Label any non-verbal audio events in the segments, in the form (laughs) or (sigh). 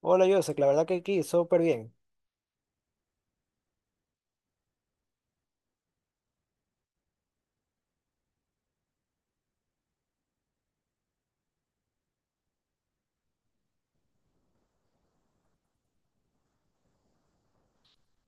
Hola, Joseph, la verdad que aquí súper bien.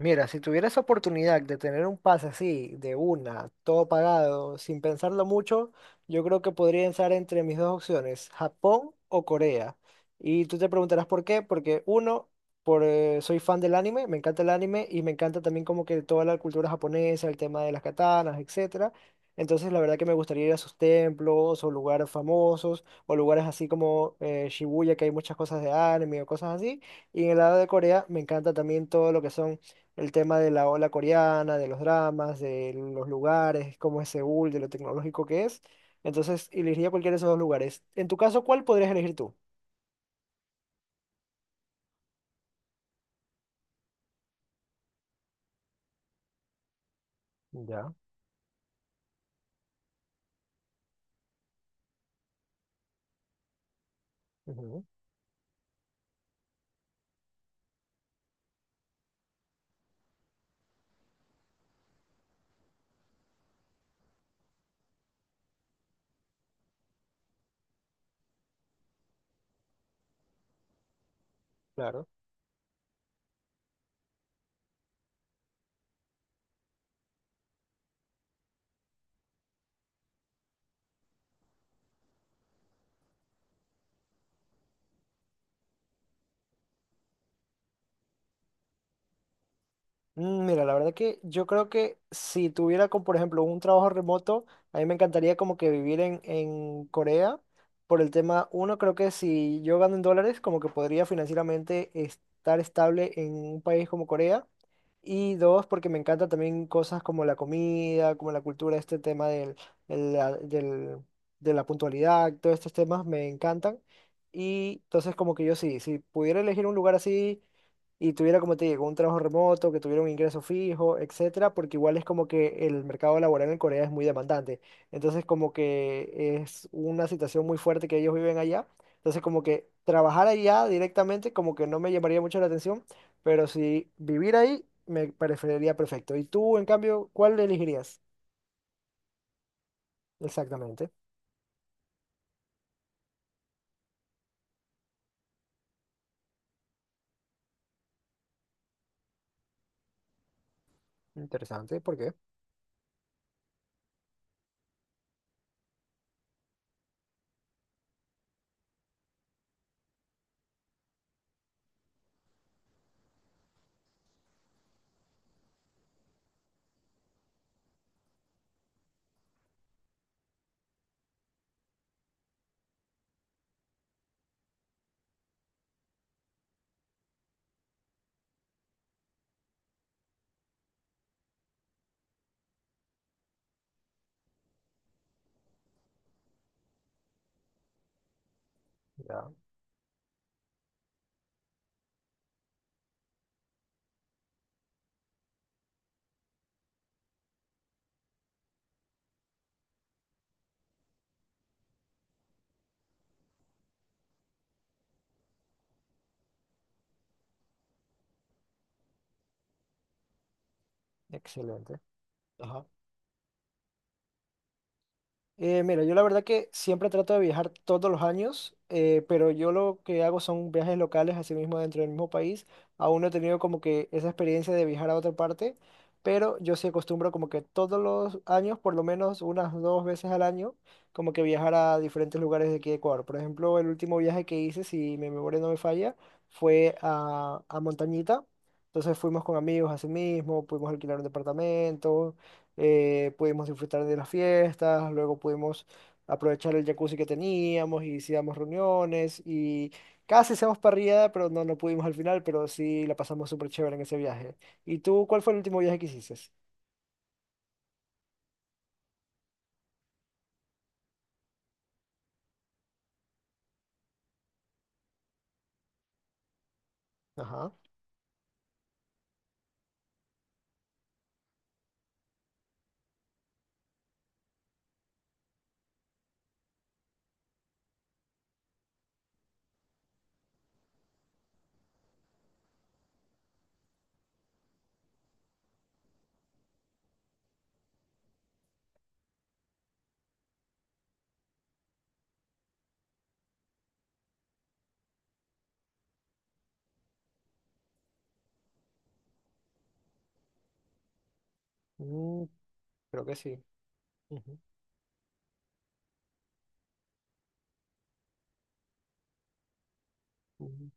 Mira, si tuvieras oportunidad de tener un pase así, de una, todo pagado, sin pensarlo mucho, yo creo que podría estar entre mis dos opciones, Japón o Corea. Y tú te preguntarás por qué, porque uno, soy fan del anime, me encanta el anime y me encanta también como que toda la cultura japonesa, el tema de las katanas, etcétera. Entonces la verdad que me gustaría ir a sus templos o lugares famosos o lugares así como Shibuya, que hay muchas cosas de anime o cosas así. Y en el lado de Corea me encanta también todo lo que son el tema de la ola coreana, de los dramas, de los lugares, cómo es Seúl, de lo tecnológico que es. Entonces, elegiría cualquiera de esos dos lugares. En tu caso, ¿cuál podrías elegir tú? Ya, ujú, claro. Mira, la verdad que yo creo que si tuviera, como por ejemplo, un trabajo remoto, a mí me encantaría como que vivir en Corea. Por el tema, uno, creo que si yo gano en dólares, como que podría financieramente estar estable en un país como Corea. Y dos, porque me encanta también cosas como la comida, como la cultura, este tema del, el- la- del- de la puntualidad, todos estos temas me encantan. Y entonces como que yo sí, si pudiera elegir un lugar así y tuviera, como te digo, un trabajo remoto, que tuviera un ingreso fijo, etcétera, porque igual es como que el mercado laboral en Corea es muy demandante. Entonces, como que es una situación muy fuerte que ellos viven allá. Entonces, como que trabajar allá directamente, como que no me llamaría mucho la atención, pero si vivir ahí, me preferiría perfecto. ¿Y tú, en cambio, cuál elegirías? Exactamente. Interesante, ¿por qué? Ya, excelente. Mira, yo la verdad que siempre trato de viajar todos los años, pero yo lo que hago son viajes locales, así mismo dentro del mismo país. Aún no he tenido como que esa experiencia de viajar a otra parte, pero yo sí acostumbro como que todos los años, por lo menos unas dos veces al año, como que viajar a diferentes lugares de aquí de Ecuador. Por ejemplo, el último viaje que hice, si mi memoria no me falla, fue a Montañita. Entonces fuimos con amigos así mismo, pudimos alquilar un departamento pudimos disfrutar de las fiestas, luego pudimos aprovechar el jacuzzi que teníamos y hicimos reuniones y casi hacemos parrillada, pero no, no pudimos al final, pero sí la pasamos súper chévere en ese viaje. ¿Y tú cuál fue el último viaje que hiciste? Ajá, mm, creo que sí. Ujú, ujú.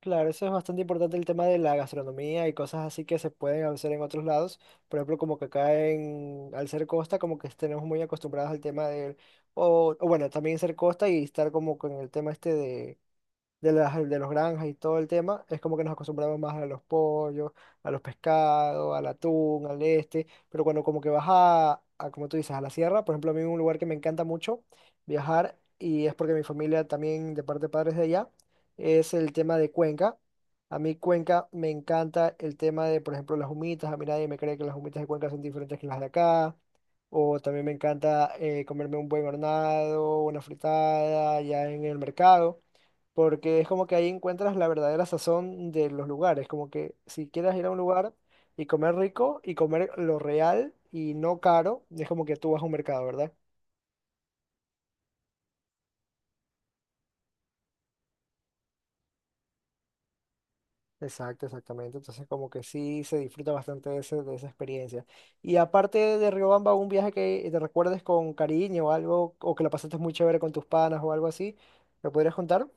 Claro, eso es bastante importante el tema de la gastronomía y cosas así que se pueden hacer en otros lados. Por ejemplo, como que acá en, al ser costa, como que tenemos muy acostumbrados al tema del, o bueno, también ser costa y estar como con el tema este de los granjas y todo el tema, es como que nos acostumbramos más a los pollos, a los pescados, al atún, al este, pero cuando como que vas a, como tú dices, a la sierra, por ejemplo, a mí un lugar que me encanta mucho viajar, y es porque mi familia también de parte de padres de allá, es el tema de Cuenca. A mí Cuenca me encanta el tema de, por ejemplo, las humitas, a mí nadie me cree que las humitas de Cuenca son diferentes que las de acá. O también me encanta comerme un buen hornado, una fritada, ya en el mercado porque es como que ahí encuentras la verdadera sazón de los lugares, como que si quieres ir a un lugar y comer rico y comer lo real y no caro, es como que tú vas a un mercado, ¿verdad? Exacto, exactamente. Entonces como que sí se disfruta bastante de, ese- de esa experiencia. Y aparte de Riobamba, un viaje que te recuerdes con cariño o algo, o que la pasaste muy chévere con tus panas o algo así, ¿me podrías contar?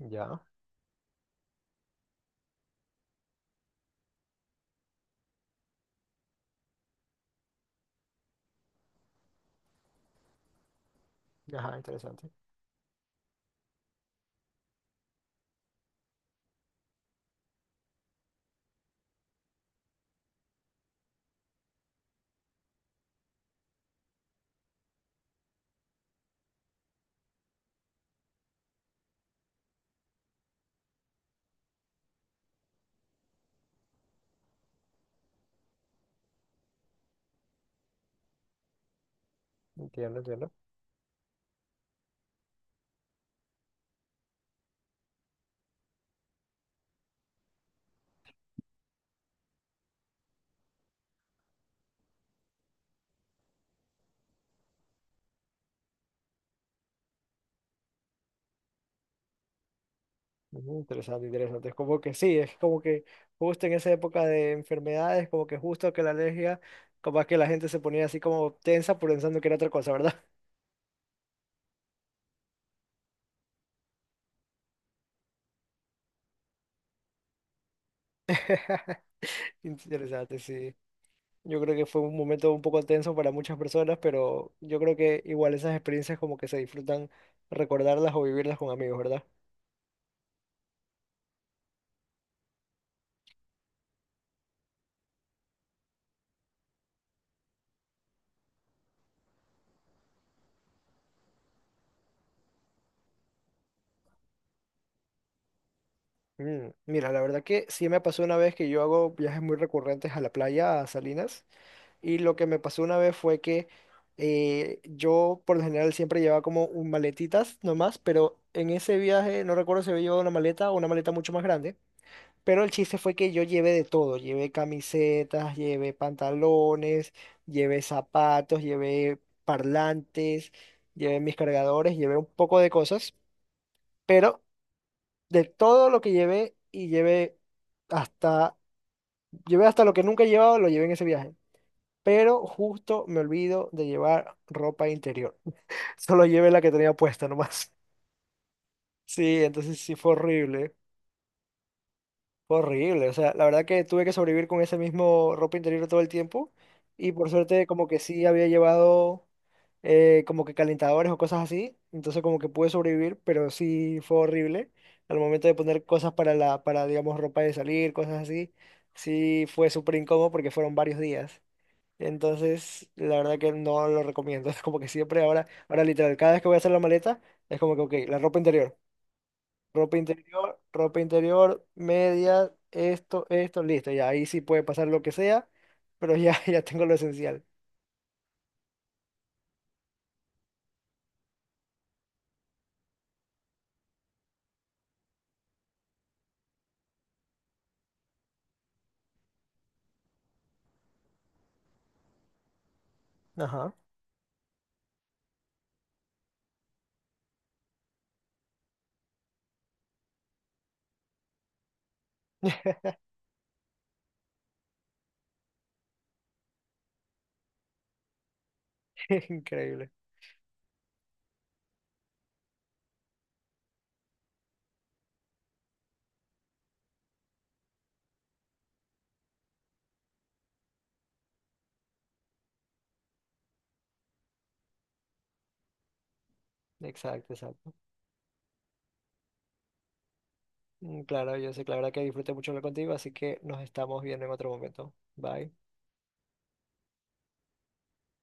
Ya, ajá, interesante. Entiendo, entiendo. Interesante, interesante. Es como que sí, es como que justo en esa época de enfermedades, como que justo que la alergia, como que la gente se ponía así como tensa por pensando que era otra cosa, ¿verdad? (laughs) Interesante, sí. Yo creo que fue un momento un poco tenso para muchas personas, pero yo creo que igual esas experiencias como que se disfrutan recordarlas o vivirlas con amigos, ¿verdad? Mira, la verdad que sí me pasó una vez que yo hago viajes muy recurrentes a la playa, a Salinas. Y lo que me pasó una vez fue que yo por lo general siempre llevaba como un maletitas nomás, pero en ese viaje no recuerdo si había llevado una maleta o una maleta mucho más grande. Pero el chiste fue que yo llevé de todo, llevé camisetas, llevé pantalones, llevé zapatos, llevé parlantes, llevé mis cargadores, llevé un poco de cosas, pero de todo lo que llevé y hasta, llevé hasta lo que nunca he llevado, lo llevé en ese viaje pero justo me olvido de llevar ropa interior. (laughs) Solo llevé la que tenía puesta nomás. (laughs) Sí, entonces sí fue horrible, fue horrible. O sea, la verdad que tuve que sobrevivir con ese mismo ropa interior todo el tiempo y por suerte como que sí había llevado como que calentadores o cosas así, entonces como que pude sobrevivir, pero sí fue horrible al momento de poner cosas para digamos ropa de salir, cosas así. Sí fue súper incómodo porque fueron varios días. Entonces, la verdad que no lo recomiendo. (laughs) Es como que siempre ahora, ahora literal, cada vez que voy a hacer la maleta, es como que, ok, la ropa interior, ropa interior, ropa interior, medias, esto, listo. Ya ahí sí puede pasar lo que sea, pero ya, (laughs) ya tengo lo esencial. Ajá. (laughs) Increíble. Exacto, exacto. Mm, claro, yo sé que la verdad que disfruté mucho hablar contigo, así que nos estamos viendo en otro momento. Bye.